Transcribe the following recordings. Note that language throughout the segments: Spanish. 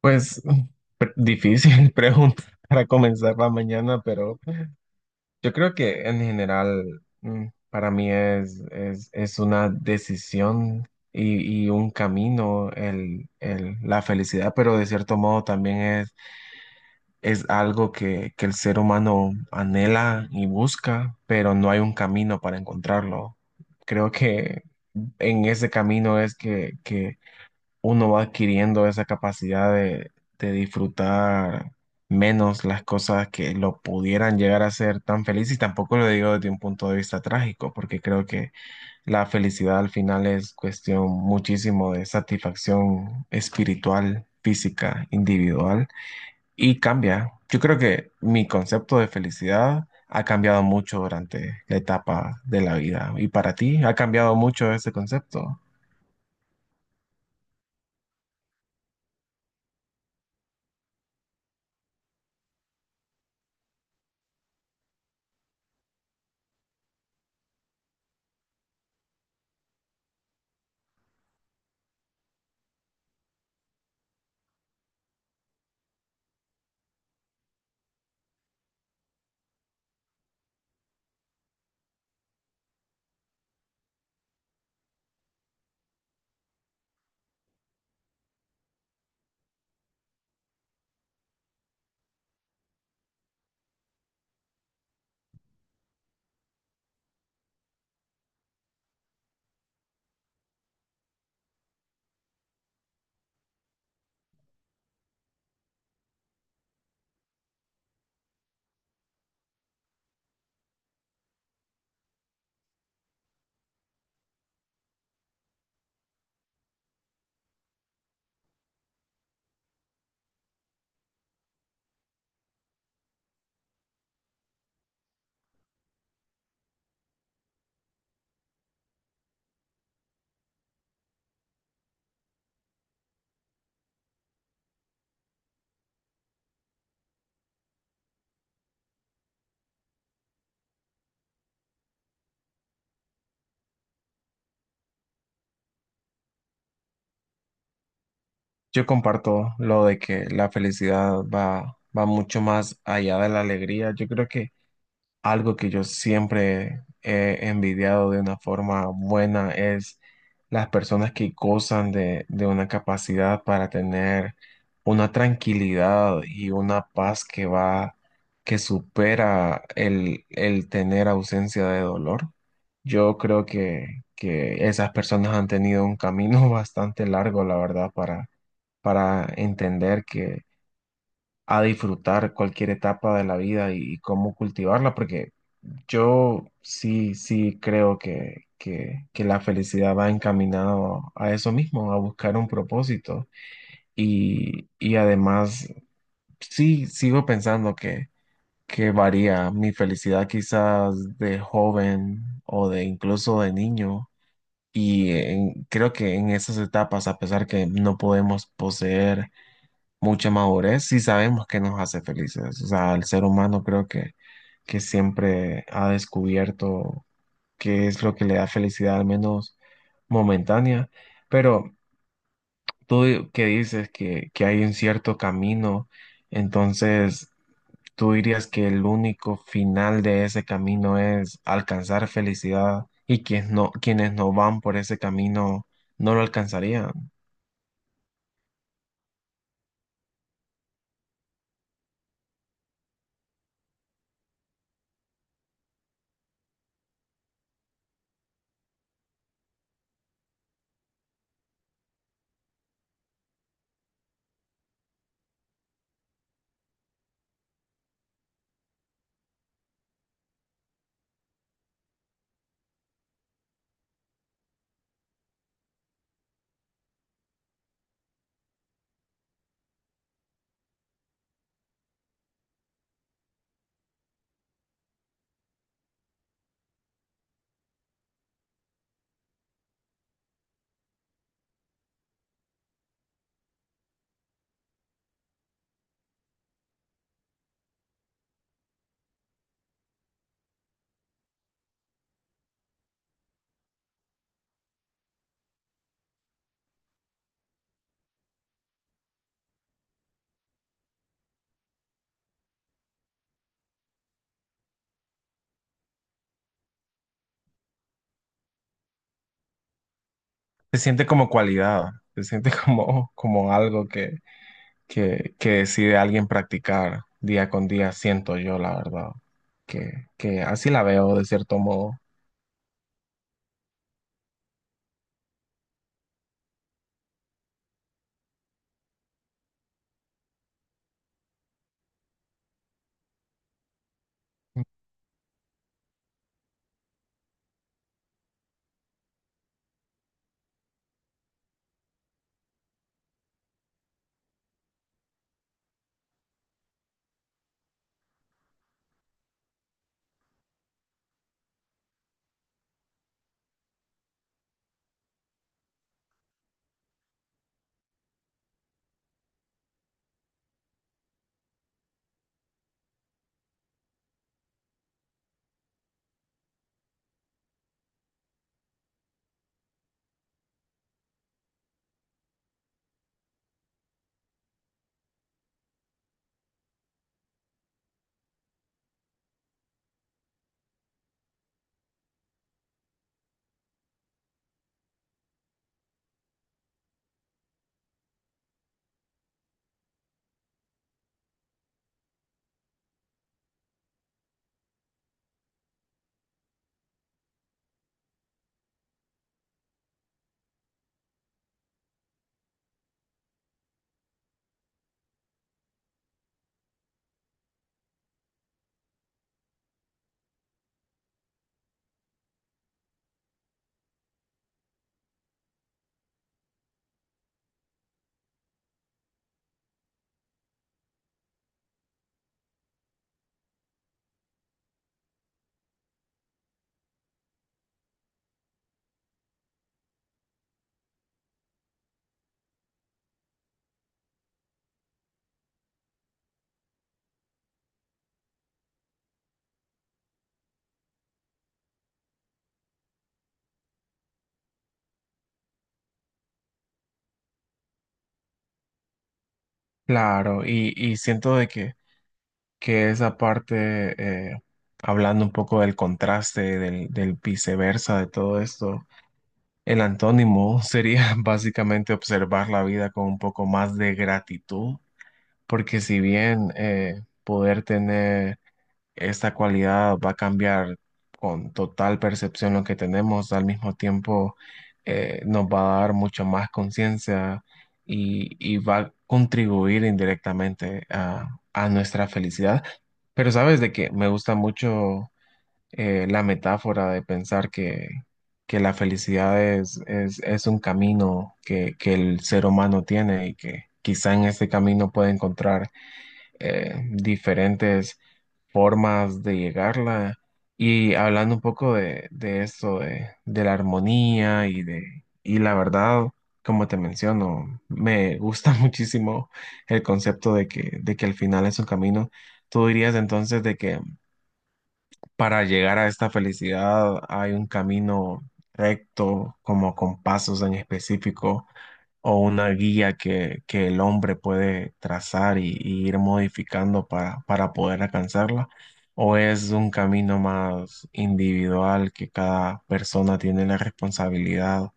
Pues difícil pregunta para comenzar la mañana, pero yo creo que en general para mí es una decisión y un camino la felicidad, pero de cierto modo también es algo que el ser humano anhela y busca, pero no hay un camino para encontrarlo. Creo que en ese camino es que uno va adquiriendo esa capacidad de disfrutar menos las cosas que lo pudieran llegar a hacer tan feliz y tampoco lo digo desde un punto de vista trágico, porque creo que la felicidad al final es cuestión muchísimo de satisfacción espiritual, física, individual y cambia. Yo creo que mi concepto de felicidad ha cambiado mucho durante la etapa de la vida. ¿Y para ti ha cambiado mucho ese concepto? Yo comparto lo de que la felicidad va mucho más allá de la alegría. Yo creo que algo que yo siempre he envidiado de una forma buena es las personas que gozan de una capacidad para tener una tranquilidad y una paz que supera el tener ausencia de dolor. Yo creo que esas personas han tenido un camino bastante largo, la verdad, para entender que a disfrutar cualquier etapa de la vida y cómo cultivarla, porque yo sí creo que la felicidad va encaminado a eso mismo, a buscar un propósito. Y además, sí, sigo pensando que varía mi felicidad quizás de joven o de incluso de niño. Creo que en esas etapas, a pesar que no podemos poseer mucha madurez si sabemos que nos hace felices. O sea, el ser humano creo que siempre ha descubierto qué es lo que le da felicidad, al menos momentánea. Pero tú di- que dices que hay un cierto camino, entonces tú dirías que el único final de ese camino es alcanzar felicidad y quienes no van por ese camino no lo alcanzarían. Se siente como cualidad, se siente como algo que decide alguien practicar día con día, siento yo, la verdad, que así la veo de cierto modo. Claro, y siento que esa parte, hablando un poco del contraste, del viceversa de todo esto, el antónimo sería básicamente observar la vida con un poco más de gratitud, porque si bien poder tener esta cualidad va a cambiar con total percepción lo que tenemos, al mismo tiempo nos va a dar mucho más conciencia y va a contribuir indirectamente a nuestra felicidad. Pero sabes de que me gusta mucho la metáfora de pensar que la felicidad es un camino que el ser humano tiene y que quizá en este camino puede encontrar diferentes formas de llegarla. Y hablando un poco de eso, de la armonía y de, y la verdad, como te menciono, me gusta muchísimo el concepto de que al final es un camino. ¿Tú dirías entonces de que para llegar a esta felicidad hay un camino recto, como con pasos en específico? O una guía que el hombre puede trazar y ir modificando para poder alcanzarla, o es un camino más individual que cada persona tiene la responsabilidad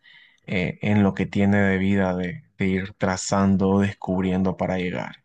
en lo que tiene de vida de ir trazando o descubriendo para llegar.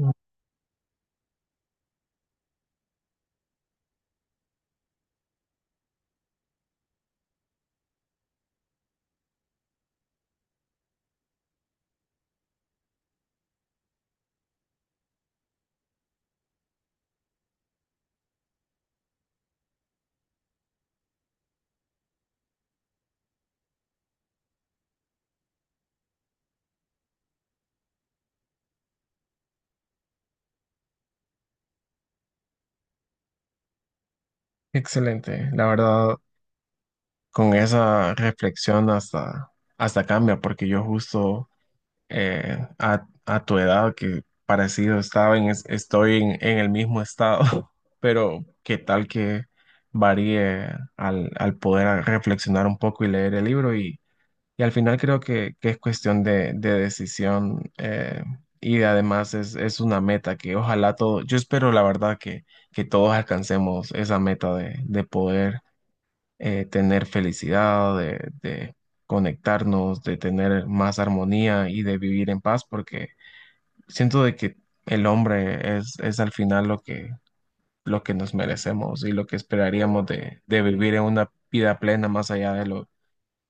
Mm, Excelente, la verdad, con esa reflexión hasta cambia, porque yo justo... a tu edad, que parecido estaba estoy en el mismo estado, pero qué tal que varíe al poder reflexionar un poco y leer el libro y al final creo que es cuestión de decisión, y además es una meta que ojalá todo, yo espero la verdad que todos alcancemos esa meta de poder tener felicidad, de conectarnos, de tener más armonía y de vivir en paz, porque siento de que el hombre es al final lo que nos merecemos y lo que esperaríamos de vivir en una vida plena más allá de lo,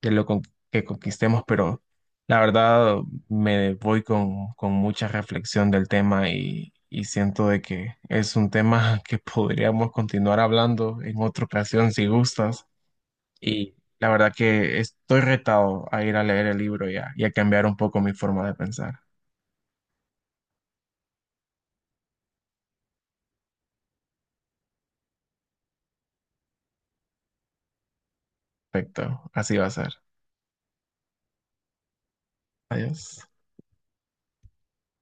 de lo con- que conquistemos, pero la verdad me voy con mucha reflexión del tema y... Y siento de que es un tema que podríamos continuar hablando en otra ocasión si gustas. Y la verdad que estoy retado a ir a leer el libro ya y a cambiar un poco mi forma de pensar. Perfecto, así va a ser. Adiós.